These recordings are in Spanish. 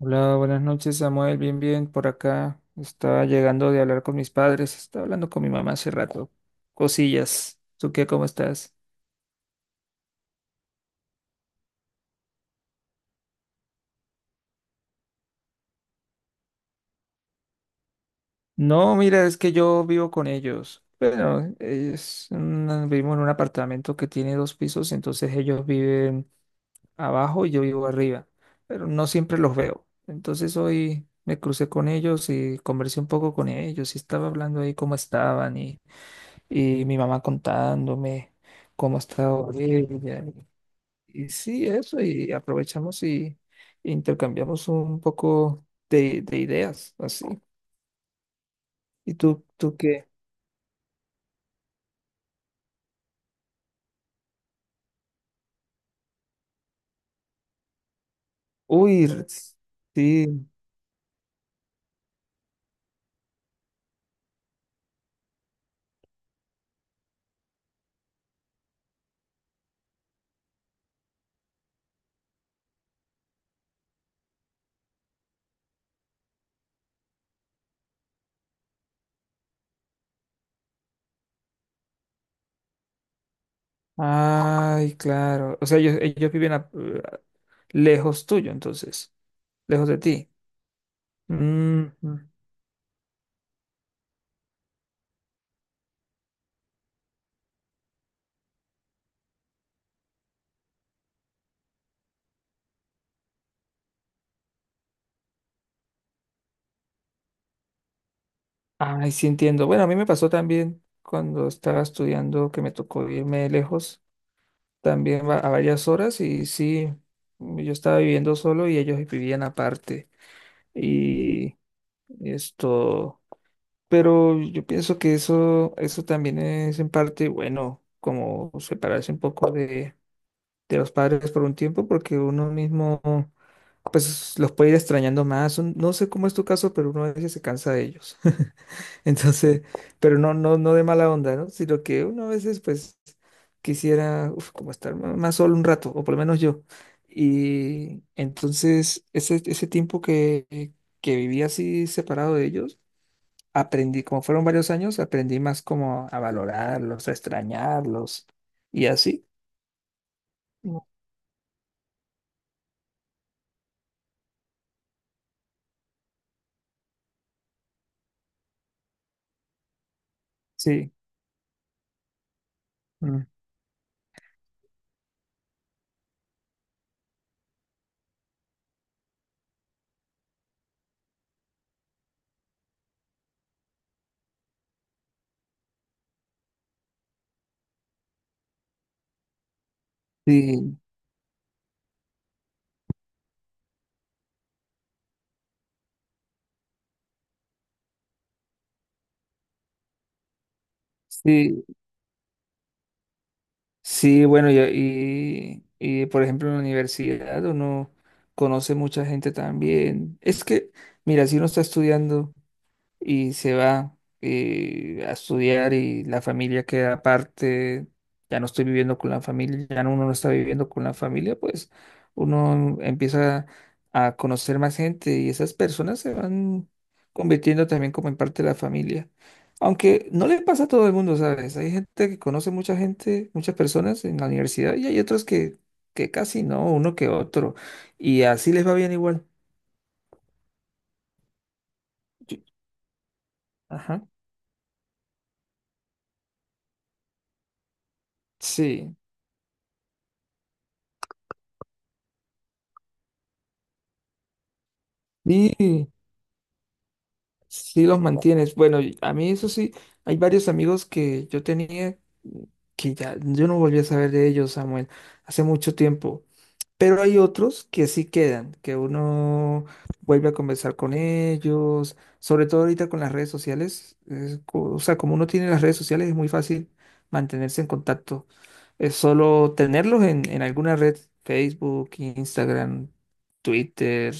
Hola, buenas noches, Samuel. Bien, bien, por acá. Estaba llegando de hablar con mis padres. Estaba hablando con mi mamá hace rato. Cosillas. ¿Tú qué? ¿Cómo estás? No, mira, es que yo vivo con ellos. Bueno, vivimos en un apartamento que tiene dos pisos, entonces ellos viven abajo y yo vivo arriba. Pero no siempre los veo. Entonces hoy me crucé con ellos y conversé un poco con ellos y estaba hablando ahí cómo estaban y mi mamá contándome cómo estaba ella. Y sí, eso, y aprovechamos y intercambiamos un poco de ideas, así. ¿Y tú qué? Uy, r- sí. Ay, claro. O sea, ellos lejos tuyo, entonces, lejos de ti. Mm, mm. Ay, sí entiendo. Bueno, a mí me pasó también cuando estaba estudiando que me tocó irme lejos también a varias horas y sí, yo estaba viviendo solo y ellos vivían aparte. Y esto, pero yo pienso que eso también es en parte, bueno, como separarse un poco de los padres por un tiempo porque uno mismo pues los puede ir extrañando más. No sé cómo es tu caso, pero uno a veces se cansa de ellos. Entonces, pero no de mala onda, ¿no? Sino que uno a veces pues quisiera uf, como estar más solo un rato, o por lo menos yo. Y entonces ese tiempo que viví así separado de ellos, aprendí, como fueron varios años, aprendí más como a valorarlos, a extrañarlos y así. Mm. Sí. Sí, sí, sí, bueno, y, por ejemplo, en la universidad uno conoce mucha gente también. Es que, mira, si uno está estudiando y se va a estudiar y la familia queda aparte, ya no estoy viviendo con la familia, uno no está viviendo con la familia, pues uno empieza a conocer más gente y esas personas se van convirtiendo también como en parte de la familia. Aunque no le pasa a todo el mundo, ¿sabes? Hay gente que conoce mucha gente, muchas personas en la universidad y hay otros que casi no, uno que otro. Y así les va bien igual. Yo- Ajá. Sí. Sí. Sí los mantienes. Bueno, y a mí eso sí, hay varios amigos que yo tenía que ya yo no volví a saber de ellos, Samuel, hace mucho tiempo. Pero hay otros que sí quedan, que uno vuelve a conversar con ellos, sobre todo ahorita con las redes sociales. O sea, como uno tiene las redes sociales, es muy fácil mantenerse en contacto. Es solo tenerlos en alguna red, Facebook, Instagram, Twitter,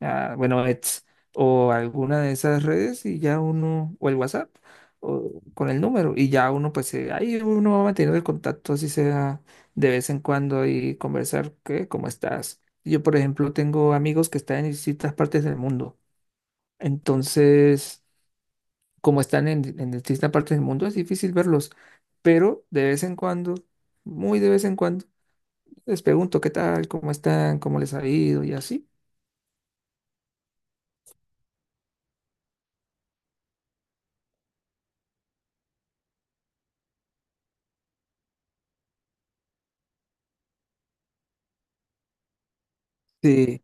ah, bueno, X, o alguna de esas redes y ya uno, o el WhatsApp, o con el número, y ya uno, pues ahí uno va manteniendo el contacto, así sea de vez en cuando y conversar, ¿qué? ¿Cómo estás? Yo, por ejemplo, tengo amigos que están en distintas partes del mundo. Entonces, como están en distintas partes del mundo, es difícil verlos. Pero de vez en cuando, muy de vez en cuando, les pregunto qué tal, cómo están, cómo les ha ido y así. Sí,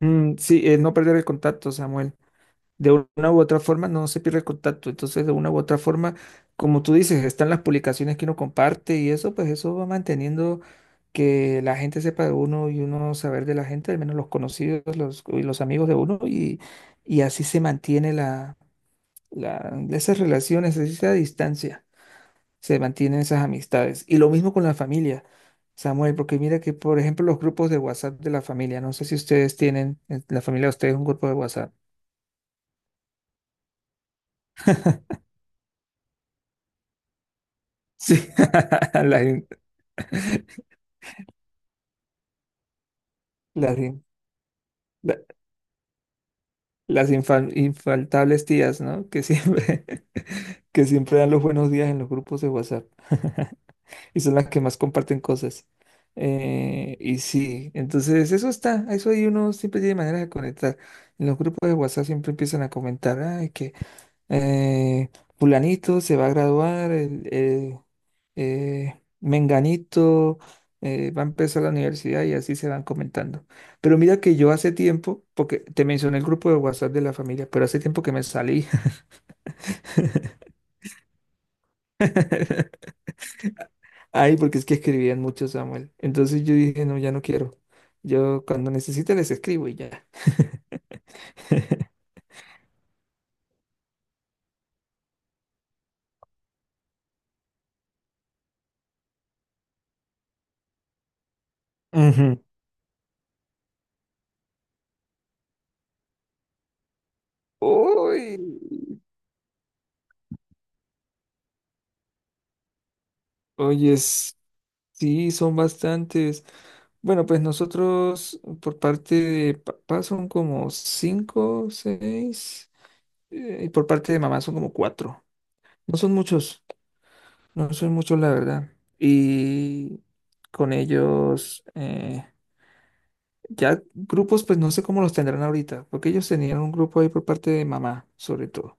mm, sí, no perder el contacto, Samuel. De una u otra forma no se pierde el contacto. Entonces, de una u otra forma, como tú dices, están las publicaciones que uno comparte y eso, pues eso va manteniendo que la gente sepa de uno y uno saber de la gente, al menos los conocidos los, y los amigos de uno, y así se mantiene esas relaciones, esa distancia, se mantienen esas amistades. Y lo mismo con la familia. Samuel, porque mira que, por ejemplo, los grupos de WhatsApp de la familia, no sé si ustedes tienen, en la familia de ustedes, un grupo de WhatsApp. Sí, la, Las, in- la- las infaltables tías, ¿no? Que siempre, que siempre dan los buenos días en los grupos de WhatsApp. Y son las que más comparten cosas. Y sí, entonces eso está, eso ahí uno siempre tiene maneras de conectar. En los grupos de WhatsApp siempre empiezan a comentar, ay, que, eh, fulanito se va a graduar, menganito va a empezar la universidad y así se van comentando. Pero mira que yo hace tiempo, porque te mencioné el grupo de WhatsApp de la familia, pero hace tiempo que me salí. Ay, porque es que escribían mucho, Samuel. Entonces yo dije, no, ya no quiero. Yo cuando necesite les escribo y ya. Ujú. Uy, oye, sí, son bastantes. Bueno, pues nosotros por parte de papá son como cinco, seis, y por parte de mamá son como cuatro. No son muchos, no son muchos, la verdad. Y con ellos, ya grupos, pues no sé cómo los tendrán ahorita, porque ellos tenían un grupo ahí por parte de mamá, sobre todo.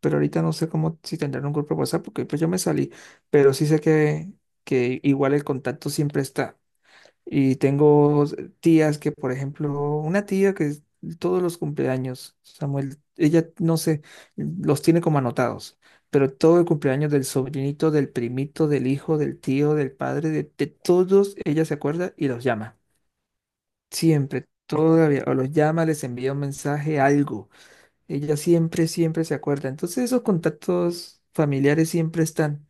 Pero ahorita no sé cómo si tendrán un grupo de WhatsApp, porque pues yo me salí, pero sí sé que igual el contacto siempre está. Y tengo tías que, por ejemplo, una tía todos los cumpleaños, Samuel, ella no sé, los tiene como anotados, pero todo el cumpleaños del sobrinito, del primito, del hijo, del tío, del padre, de todos, ella se acuerda y los llama. Siempre, todavía, o los llama, les envía un mensaje, algo. Siempre se acuerda. Entonces esos contactos familiares siempre están.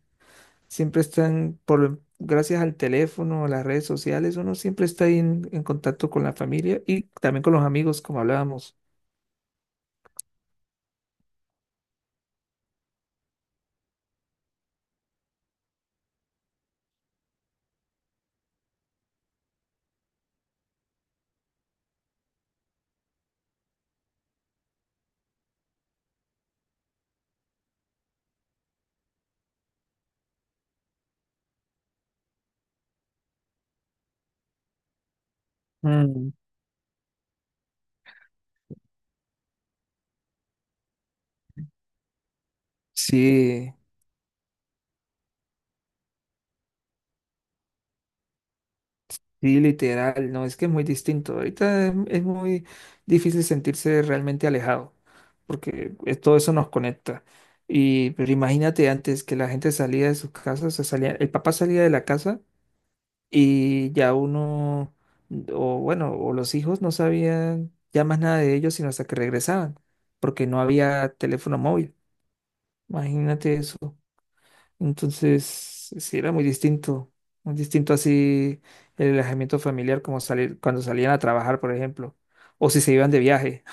Siempre están, gracias al teléfono, a las redes sociales, uno siempre está ahí en contacto con la familia y también con los amigos, como hablábamos. Mm, sí, sí, literal, no, es que es muy distinto. Ahorita es muy difícil sentirse realmente alejado, todo eso nos conecta. Y pero imagínate antes que la gente salía de sus casas, o sea, salía, el papá salía de la casa y ya uno, o bueno, o los hijos no sabían ya más nada de ellos sino hasta que regresaban, porque no había teléfono móvil. Imagínate eso. Entonces, sí era muy distinto así el alejamiento familiar como salir cuando salían a trabajar, por ejemplo, o si se iban de viaje.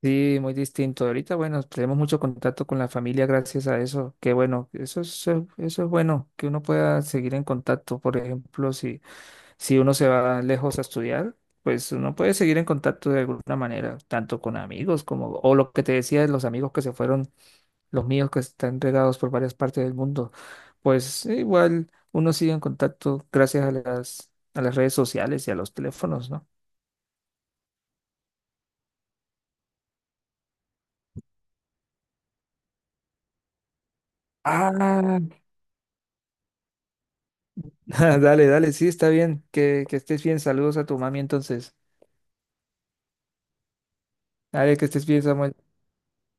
Sí, muy distinto. Ahorita, bueno, tenemos mucho contacto con la familia gracias a eso. Qué bueno, eso es bueno, que uno pueda seguir en contacto, por ejemplo, si uno se va lejos a estudiar, pues uno puede seguir en contacto de alguna manera, tanto con amigos como, o lo que te decía de los amigos que se fueron, los míos que están regados por varias partes del mundo, pues igual uno sigue en contacto gracias a a las redes sociales y a los teléfonos, ¿no? Ah, dale, sí, está bien, que estés bien, saludos a tu mami entonces. Dale, que estés bien, Samuel.